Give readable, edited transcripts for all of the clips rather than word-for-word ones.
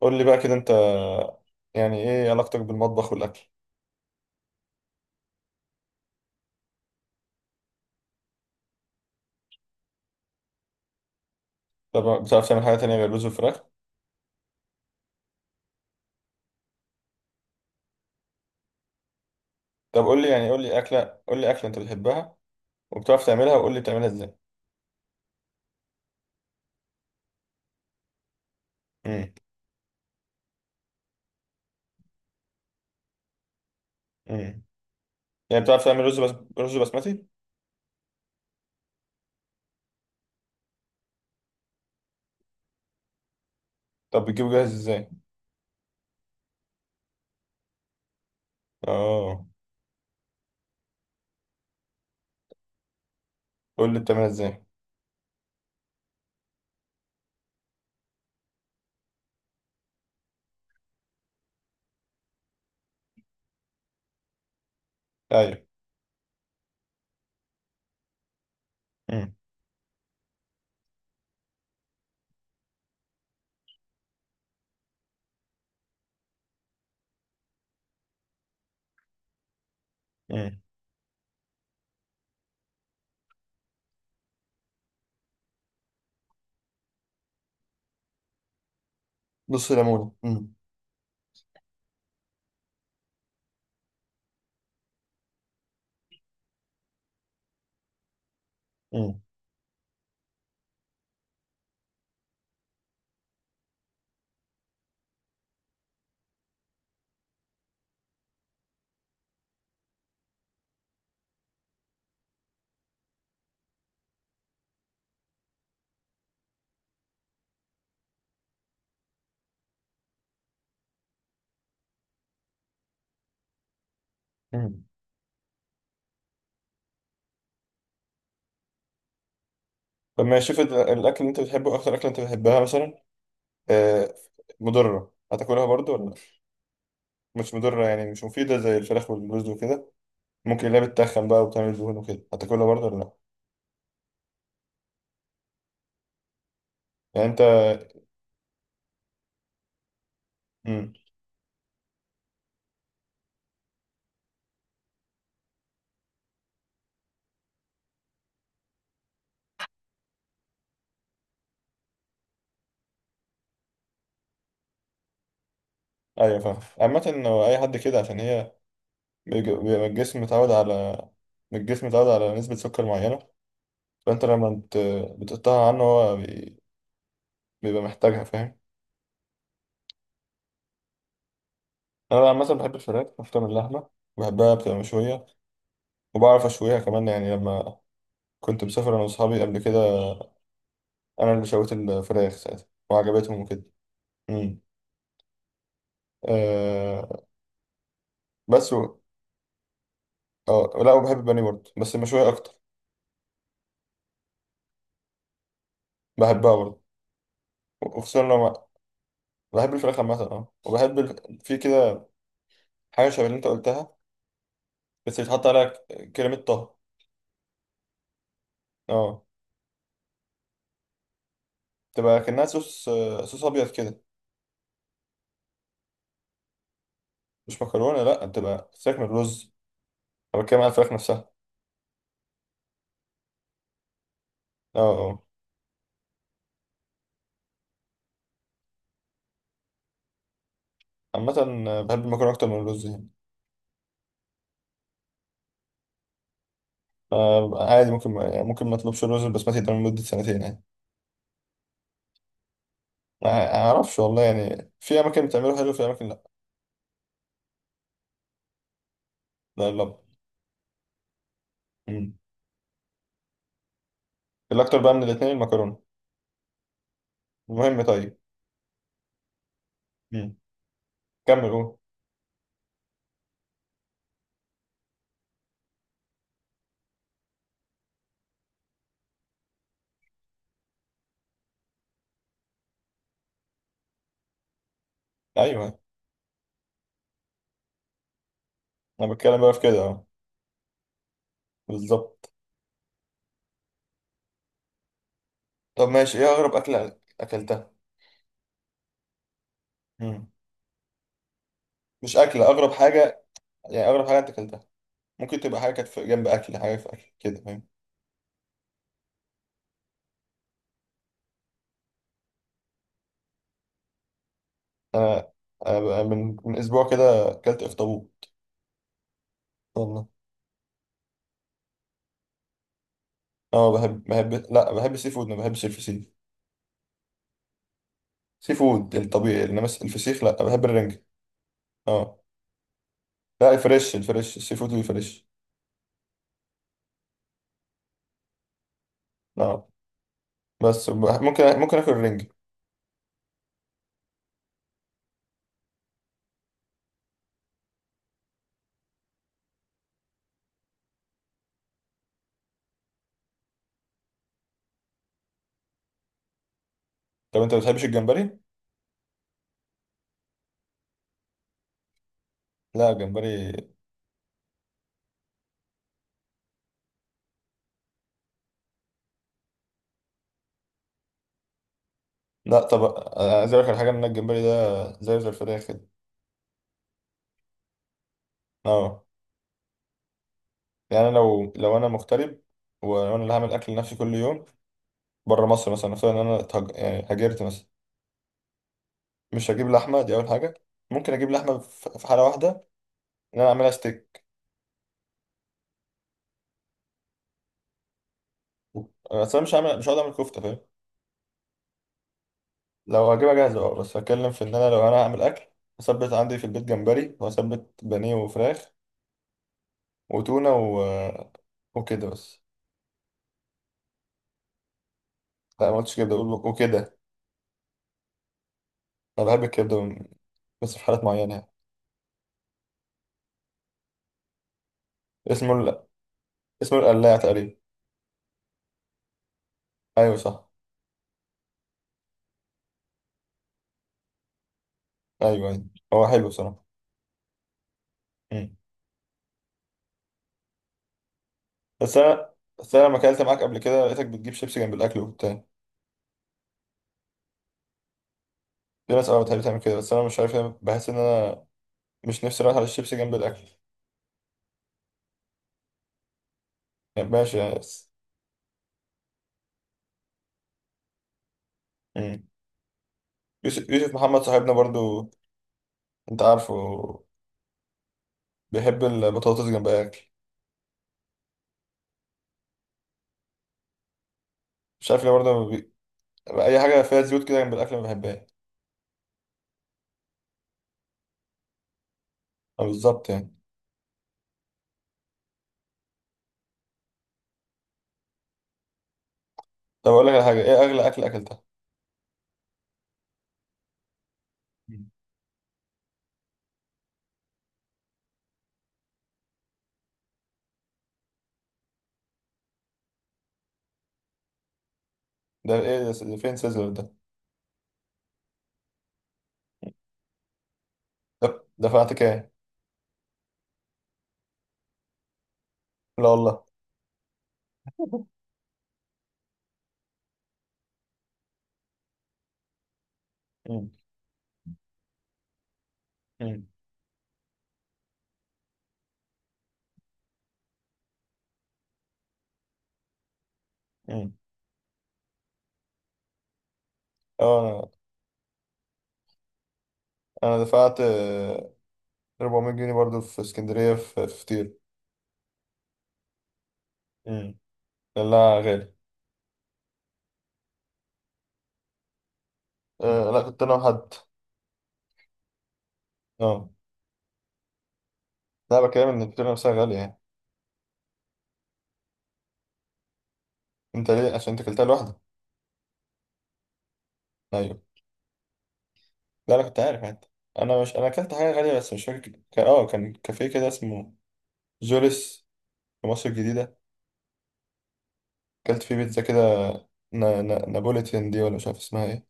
قول لي بقى كده انت، يعني ايه علاقتك بالمطبخ والاكل؟ طب بتعرف تعمل حاجه تانية غير رز وفراخ؟ طب قول لي، يعني قول لي اكله، قول لي اكله انت بتحبها وبتعرف تعملها، وقول لي بتعملها ازاي؟ امم امم يعني بتعرف تعمل رز؟ بس رز بسمتي؟ طب بتجيبه جاهز ازاي؟ اه. قول لي بتعملها ازاي؟ ايوه. امم امم بص ليمون. امم امم طب ماشي، شوف الاكل اللي انت بتحبه، اكتر اكله انت بتحبها مثلا، آه، مضره هتاكلها برضو ولا لأ؟ مش مضره يعني، مش مفيده زي الفراخ والرز وكده؟ ممكن اللي هي بتتخن بقى وبتعمل دهون وكده هتاكلها برضه ولا لا؟ يعني انت. امم. ايوه فاهم. عامة هو اي حد كده، عشان هي بيبقى الجسم متعود على، الجسم متعود على نسبة سكر معينة. فانت لما بتقطعها عنه هو بيبقى محتاجها، فاهم؟ انا عامة بحب الفراخ اكتر من اللحمة. بحبها بتبقى مشوية، وبعرف اشويها كمان. يعني لما كنت مسافر انا واصحابي قبل كده، انا اللي شويت الفراخ ساعتها وعجبتهم وكده. امم. أه. بس و... اه لا، وبحب البانيه برضه بس مشوية اكتر. بحبها برضه. وخصوصا لو بحب الفراخ عامة، اه. في كده حاجة شبه اللي انت قلتها، بس بيتحط عليها كريمة طهي. اه، تبقى كأنها صوص، صوص أبيض كده. مش مكرونة لأ، بتبقى فراخ من الرز. أنا بتكلم على الفراخ نفسها. اه. اه. عامة، بحب المكرونة أكتر من الرز يعني. عادي، ممكن يعني ممكن ما أطلبش الرز البسمتي ده لمدة سنتين يعني. ما أعرفش والله، يعني في أماكن بتعمله حلو، في أماكن لأ. لا لا. مم. الأكتر بقى من الاتنين المكرونة. المهم، طيب. مم. كمل قول. أيوه. انا بتكلم بقى في كده، اه. بالظبط. طب ماشي، ايه اغرب اكله اكلتها؟ مم. مش اكله، اغرب حاجه، يعني اغرب حاجه انت اكلتها. ممكن تبقى حاجه كانت في جنب اكل، حاجه في اكل كده، فاهم؟ انا، أنا بقى من اسبوع كده اكلت اخطبوط. والله. اه بحب، بحب، لا بحب السي فود، ما بحبش الفسيخ. سي فود الطبيعي، انما الفسيخ لا. بحب الرنجة. اه. لا الفريش، الفريش السي فود الفريش. اه. بس ممكن اكل الرنجة. طب انت ما بتحبش الجمبري؟ لا الجمبري. لا طب، عايز اقول لك على حاجه، ان الجمبري ده زيه زي الفراخ كده. اه. يعني انا لو انا مغترب، وانا اللي هعمل اكل لنفسي كل يوم، بره مصر مثلا، نفترض ان انا يعني هاجرت مثلا، مش هجيب لحمه دي اول حاجه. ممكن اجيب لحمه في حاله واحده، ان انا اعملها ستيك. بس انا مش هعمل، مش هقعد اعمل كفته، فاهم؟ لو هجيبها جاهزه اه، بس هتكلم في ان انا لو انا هعمل اكل، هثبت عندي في البيت جمبري، وهثبت بانيه وفراخ، وتونه و... وكده بس. لا ما قلتش كبده، اقول وكده. انا بحب الكبده بس في حالات معينه يعني. اسمه ال... اسمه القلاع تقريبا. ايوه صح. ايوه ايوه. هو حلو صراحه. مم. بس انا بس انا لما اكلت معاك قبل كده لقيتك بتجيب شيبسي جنب الاكل وبتاع. في ناس اه بتحب تعمل كده، بس انا مش عارف ليه، بحس ان انا مش نفسي رايح على الشيبسي جنب الاكل. يعني ماشي يعني، بس. مم. يوسف، يوسف محمد صاحبنا برضو، انت عارفه، بيحب البطاطس جنب الاكل. مش عارف ليه برضو اي حاجه فيها زيوت كده جنب الاكل ما بحبهاش. اه بالظبط يعني. طب اقول لك على حاجه، ايه اغلى اكل اكلتها؟ مم. ده ايه ده، فين سيزر ده؟ ده دفعت كام؟ لا والله. مم. مم. مم. اه انا دفعت 400 جنيه برضو في اسكندريه، في في فطير. مم. لا غالي. مم. آه لا، كنت انا وحد. اه لا، بكلم ان الفطيره نفسها غاليه يعني. انت ليه، عشان انت اكلتها لوحدك؟ ايوه. لا انا كنت عارف انت. انا مش، انا اكلت حاجه غاليه بس مش فاكر، اه، كان كافيه كده اسمه جوليس، في مصر الجديده. اكلت فيه بيتزا كده، نابوليتان دي، ولا مش عارف اسمها ايه.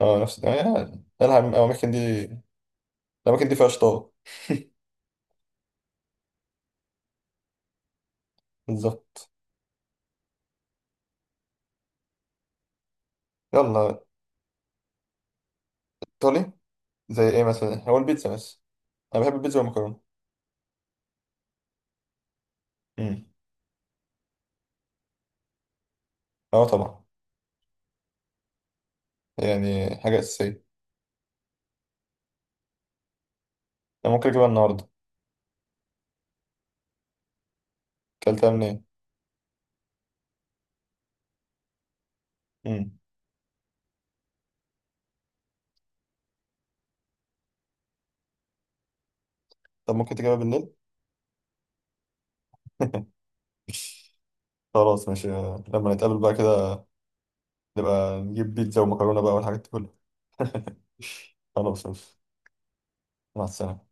اه نفس، يعني الأماكن دي، الأماكن دي فيها شطار. بالظبط. يلا. ايطالي؟ زي ايه مثلا، هو البيتزا بس. انا بحب البيتزا والمكرونه. امم. اه طبعا. يعني حاجه اساسيه. انا ممكن اجيبها النهارده. اكلتها منين؟ امم. طب ممكن تجيبها بالليل؟ خلاص ماشي. لما نتقابل بقى كده، نبقى نجيب بيتزا ومكرونه بقى والحاجات دي كلها. خلاص ماشي. مع السلامه.